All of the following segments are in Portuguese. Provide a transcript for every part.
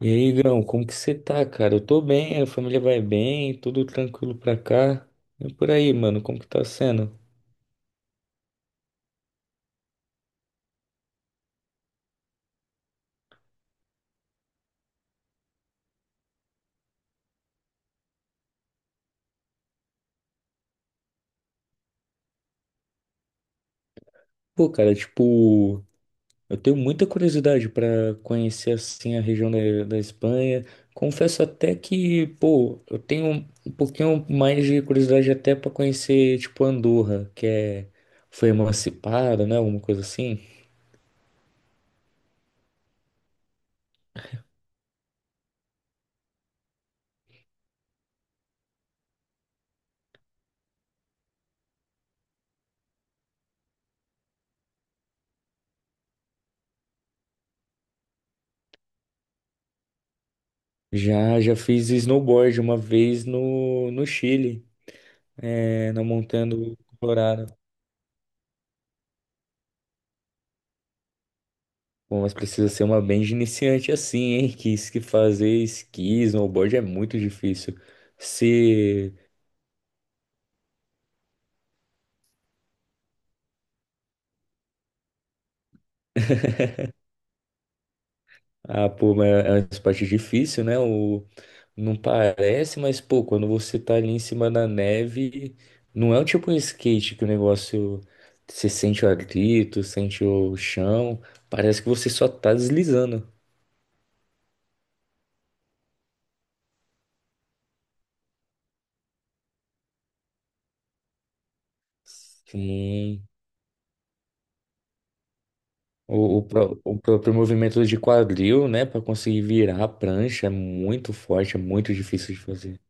E aí, Igão, como que você tá, cara? Eu tô bem, a família vai bem, tudo tranquilo pra cá. E por aí, mano, como que tá sendo? Pô, cara, tipo, eu tenho muita curiosidade pra conhecer, assim, a região da Espanha. Confesso até que, pô, eu tenho um pouquinho mais de curiosidade até pra conhecer, tipo, Andorra, que é foi emancipada, né, alguma coisa assim. Já fiz snowboard uma vez no Chile, é, na montanha do Colorado. Bom, mas precisa ser uma bem de iniciante assim, hein? Que isso que fazer esqui, snowboard é muito difícil. Se. Ah, pô, mas é uma esporte difícil, né? O não parece, mas, pô, quando você tá ali em cima da neve, não é o tipo um skate que o negócio. Você sente o atrito, sente o chão. Parece que você só tá deslizando. Sim. O próprio movimento de quadril, né, para conseguir virar a prancha é muito forte, é muito difícil de fazer.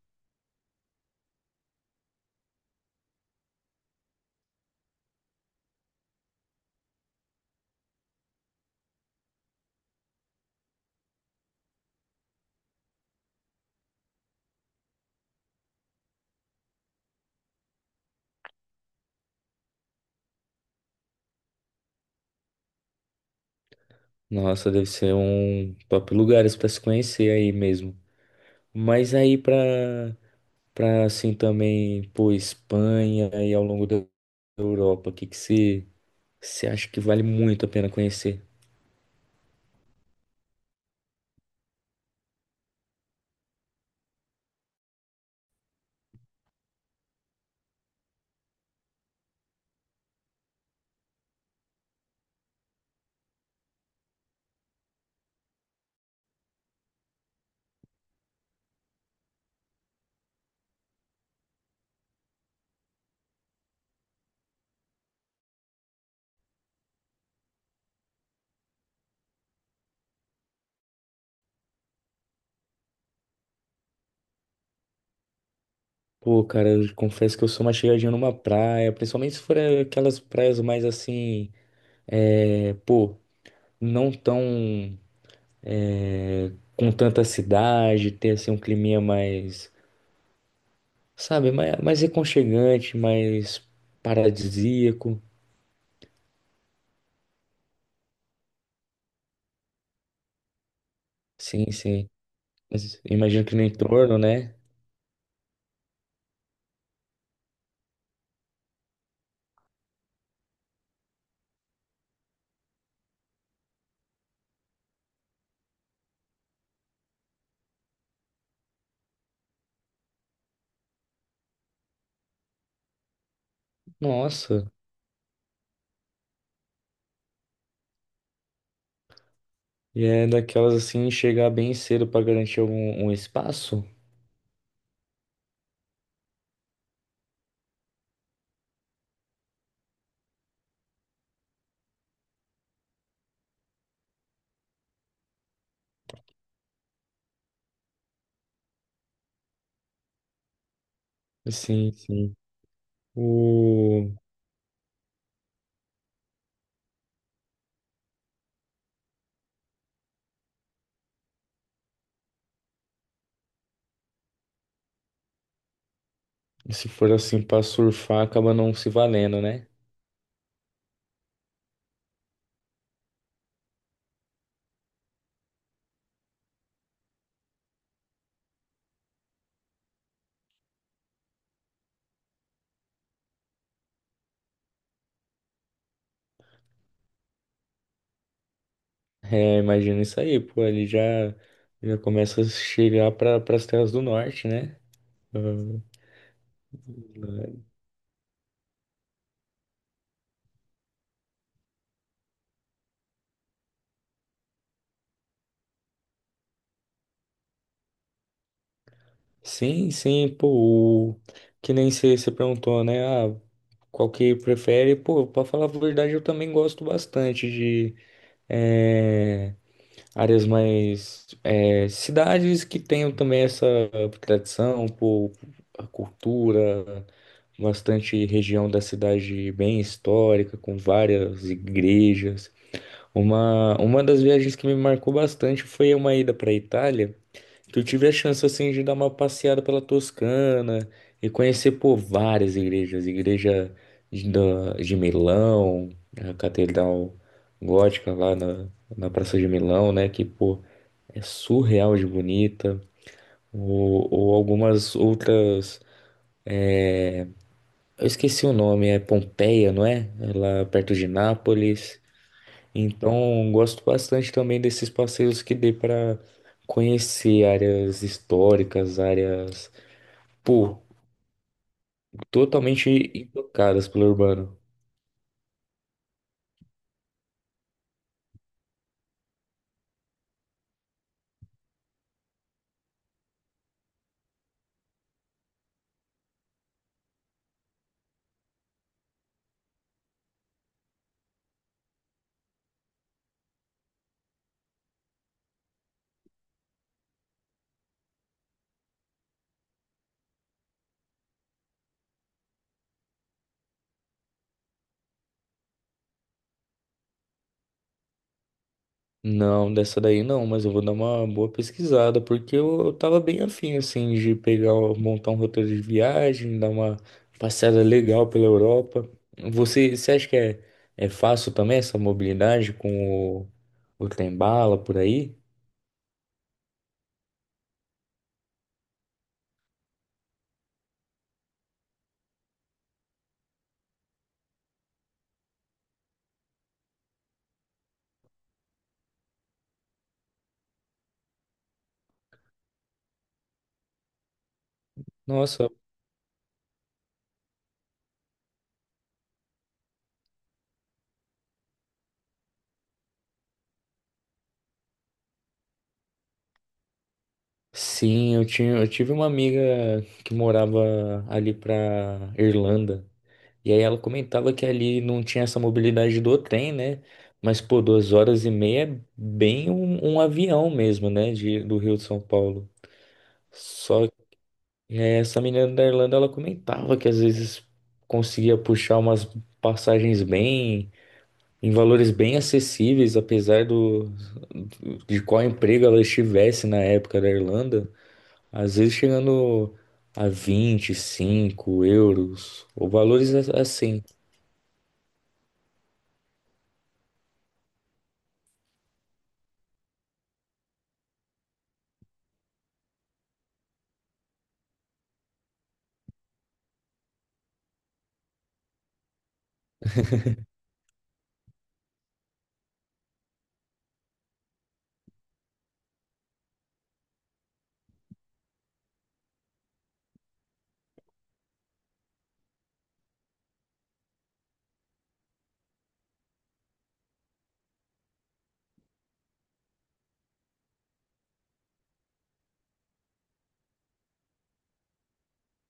Nossa, deve ser um top lugares para se conhecer aí mesmo. Mas aí para assim também, pô, Espanha e ao longo da Europa, o que que você acha que vale muito a pena conhecer? Pô, cara, eu confesso que eu sou uma chegadinha numa praia, principalmente se for aquelas praias mais assim, é, pô, não tão com tanta cidade, ter assim um clima mais, sabe, mais, mais aconchegante, mais paradisíaco. Sim, sim. Mas imagino que no entorno, né? Nossa. E é daquelas assim, chegar bem cedo para garantir algum um espaço. Sim, sim. O. Se for assim para surfar, acaba não se valendo, né? É, imagina isso aí, pô, já começa a chegar para as terras do norte, né? Sim, sim, pô, o que nem você perguntou, né? Ah, qual que prefere? Pô, pra falar a verdade, eu também gosto bastante de eh, áreas mais. Cidades que tenham também essa tradição, pô, a cultura, bastante região da cidade bem histórica, com várias igrejas. Uma das viagens que me marcou bastante foi uma ida para Itália. Que eu tive a chance assim de dar uma passeada pela Toscana e conhecer pô, várias igrejas, de Milão, a Catedral Gótica na Praça de Milão, né? Que pô, é surreal de bonita. Ou algumas outras, eu esqueci o nome, é Pompeia, não é? É lá perto de Nápoles. Então, gosto bastante também desses passeios que dê para conhecer áreas históricas, áreas pô, totalmente intocadas pelo urbano. Não, dessa daí não, mas eu vou dar uma boa pesquisada, porque eu tava bem afim, assim, de montar um roteiro de viagem, dar uma passeada legal pela Europa. Você acha que é fácil também essa mobilidade com o trem-bala por aí? Nossa, sim, eu tive uma amiga que morava ali pra Irlanda. E aí ela comentava que ali não tinha essa mobilidade do trem, né? Mas, pô, duas horas e meia é bem um avião mesmo, né? Do Rio de São Paulo. Só que essa menina da Irlanda, ela comentava que às vezes conseguia puxar umas passagens bem, em valores bem acessíveis, apesar de qual emprego ela estivesse na época da Irlanda. Às vezes chegando a 25 euros, ou valores a- assim.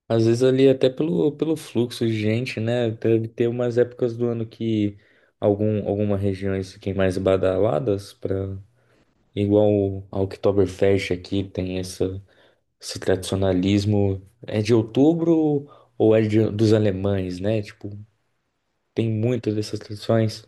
Às vezes ali até pelo fluxo de gente, né? Deve ter umas épocas do ano que alguma regiões fiquem mais badaladas para a Oktoberfest aqui tem essa, esse tradicionalismo. É de outubro ou é dos alemães, né? Tipo, tem muitas dessas tradições.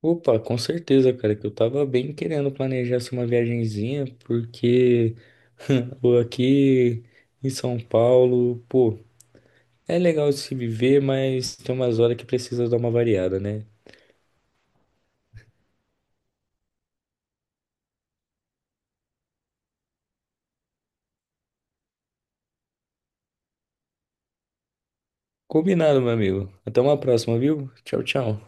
Opa, com certeza, cara, que eu tava bem querendo planejar assim, uma viagenzinha, porque aqui em São Paulo, pô. É legal de se viver, mas tem umas horas que precisa dar uma variada, né? Combinado, meu amigo. Até uma próxima, viu? Tchau, tchau.